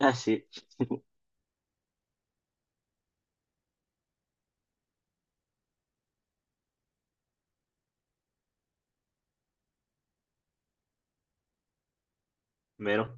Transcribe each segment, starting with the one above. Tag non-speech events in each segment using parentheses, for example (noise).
Eh sì, vero.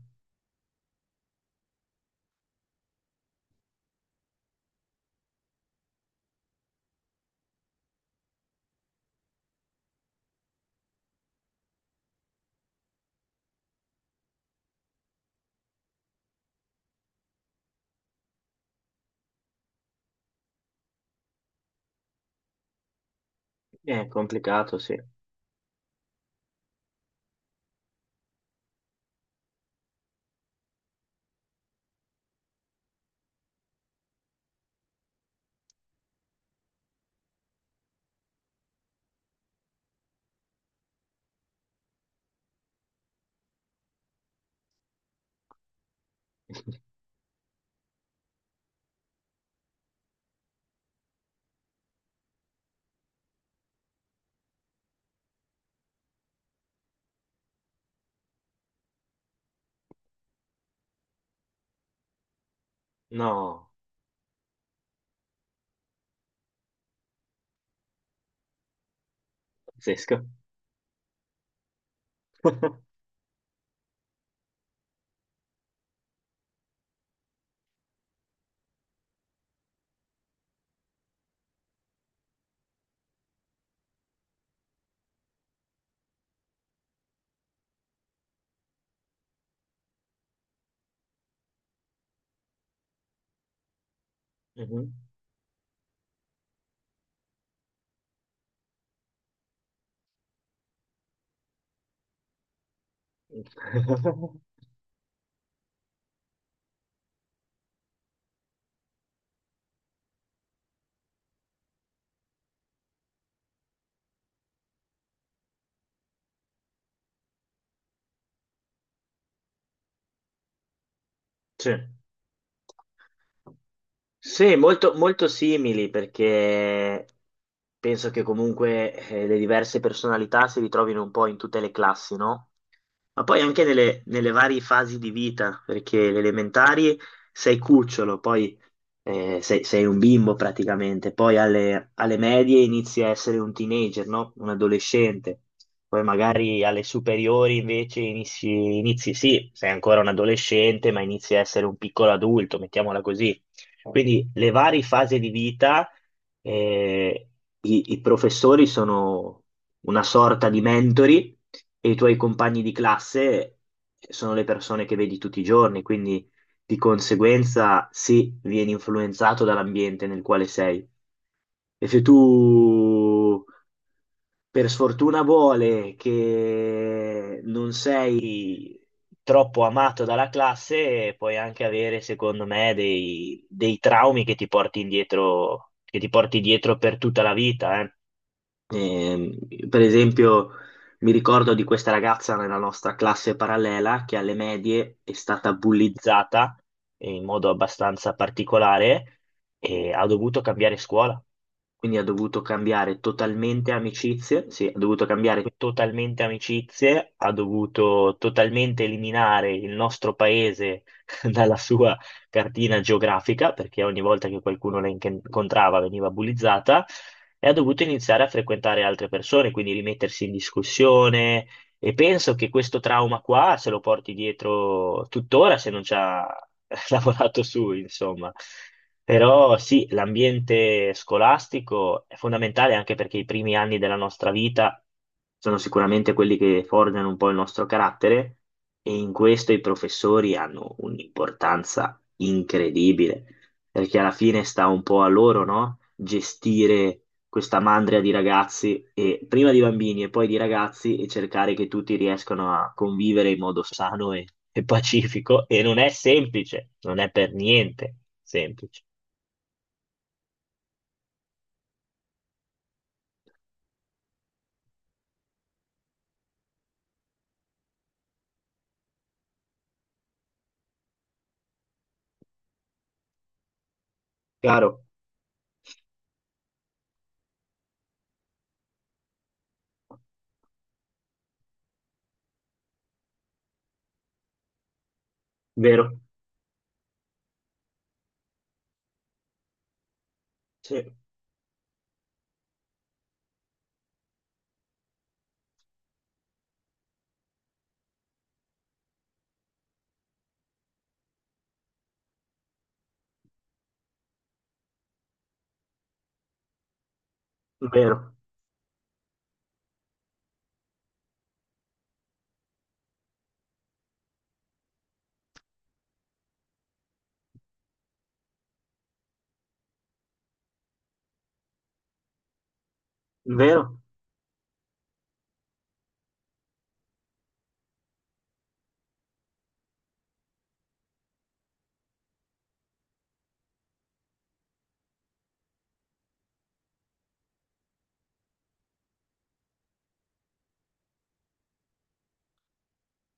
È complicato, sì. No, pazzesco. (laughs) Mhm. (laughs) Sì. Sì, molto, molto simili perché penso che comunque le diverse personalità si ritrovino un po' in tutte le classi, no? Ma poi anche nelle varie fasi di vita, perché le elementari sei cucciolo, poi sei un bimbo praticamente, poi alle medie inizi a essere un teenager, no? Un adolescente, poi magari alle superiori invece inizi, sì, sei ancora un adolescente, ma inizi a essere un piccolo adulto, mettiamola così. Quindi le varie fasi di vita, eh, i professori sono una sorta di mentori e i tuoi compagni di classe sono le persone che vedi tutti i giorni, quindi di conseguenza, sì, vieni influenzato dall'ambiente nel quale sei. E se tu, per sfortuna, vuole che non sei troppo amato dalla classe, puoi anche avere, secondo me, dei traumi che ti porti indietro, che ti porti dietro per tutta la vita, eh. Ehm, per esempio, mi ricordo di questa ragazza nella nostra classe parallela che alle medie è stata bullizzata in modo abbastanza particolare e ha dovuto cambiare scuola. Quindi ha dovuto cambiare totalmente amicizie, sì, ha dovuto cambiare totalmente amicizie, ha dovuto totalmente eliminare il nostro paese (laughs) dalla sua cartina geografica, perché ogni volta che qualcuno la incontrava veniva bullizzata e ha dovuto iniziare a frequentare altre persone, quindi rimettersi in discussione. E penso che questo trauma qua se lo porti dietro tuttora se non ci ha (laughs) lavorato su, insomma. Però sì, l'ambiente scolastico è fondamentale anche perché i primi anni della nostra vita sono sicuramente quelli che forgiano un po' il nostro carattere e in questo i professori hanno un'importanza incredibile, perché alla fine sta un po' a loro, no? Gestire questa mandria di ragazzi, e, prima di bambini e poi di ragazzi, e cercare che tutti riescano a convivere in modo sano e pacifico. E non è semplice, non è per niente semplice. Chiaro? Vero? Sì, vero, vero?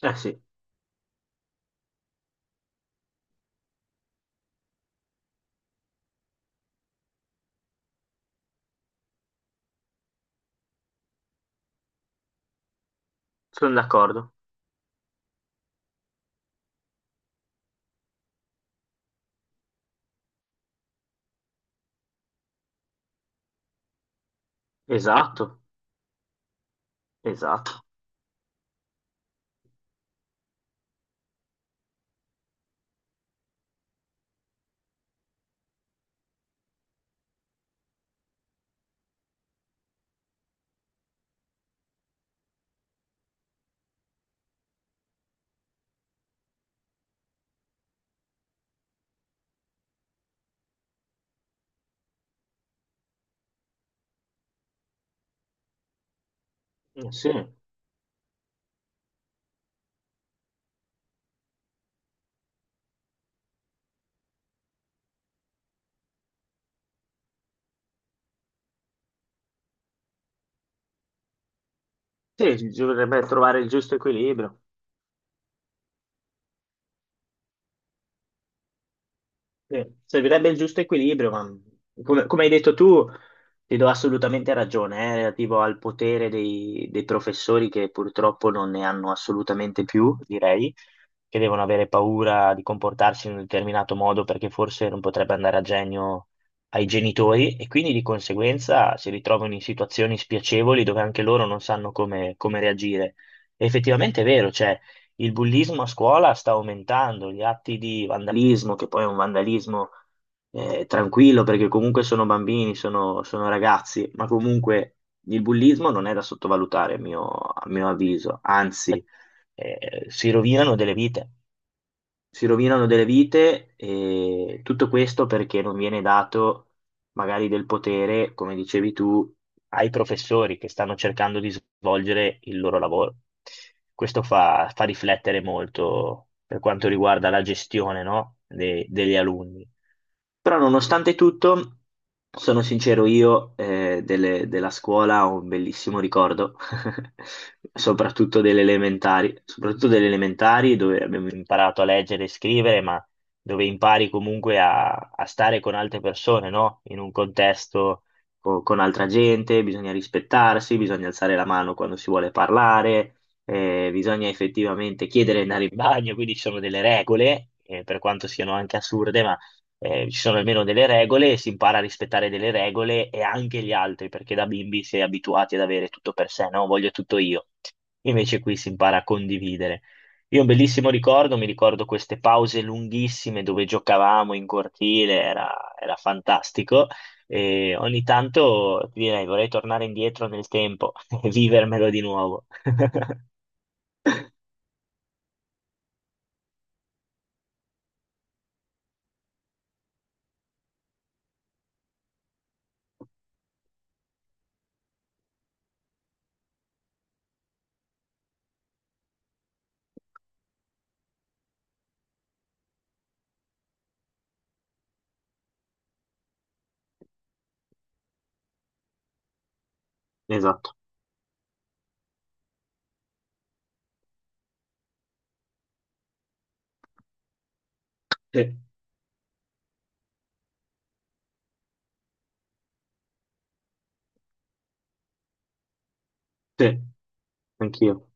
Eh sì, sono d'accordo. Esatto, esatto. Eh sì, sì, bisognerebbe trovare il giusto equilibrio. Sì, servirebbe il giusto equilibrio, ma come hai detto tu, ti do assolutamente ragione, relativo al potere dei professori che purtroppo non ne hanno assolutamente più, direi che devono avere paura di comportarsi in un determinato modo perché forse non potrebbe andare a genio ai genitori e quindi di conseguenza si ritrovano in situazioni spiacevoli dove anche loro non sanno come reagire. E effettivamente è vero, cioè il bullismo a scuola sta aumentando, gli atti di vandalismo, che poi è un vandalismo tranquillo perché comunque sono bambini, sono ragazzi, ma comunque il bullismo non è da sottovalutare a mio avviso, anzi, si rovinano delle vite, si rovinano delle vite e tutto questo perché non viene dato magari del potere, come dicevi tu, ai professori che stanno cercando di svolgere il loro lavoro. Questo fa riflettere molto per quanto riguarda la gestione, no, degli alunni. Però nonostante tutto, sono sincero, io della scuola ho un bellissimo ricordo soprattutto delle elementari dove abbiamo imparato a leggere e scrivere, ma dove impari comunque a stare con altre persone, no? In un contesto con altra gente, bisogna rispettarsi, bisogna alzare la mano quando si vuole parlare, bisogna effettivamente chiedere di andare in bagno, quindi ci sono delle regole, per quanto siano anche assurde, ma ci sono almeno delle regole, si impara a rispettare delle regole e anche gli altri, perché da bimbi si è abituati ad avere tutto per sé, no? Voglio tutto io. Invece qui si impara a condividere. Io ho un bellissimo ricordo, mi ricordo queste pause lunghissime dove giocavamo in cortile, era fantastico. E ogni tanto ti direi vorrei tornare indietro nel tempo (laughs) e vivermelo di nuovo. (laughs) Esatto, sì, sì, anch'io.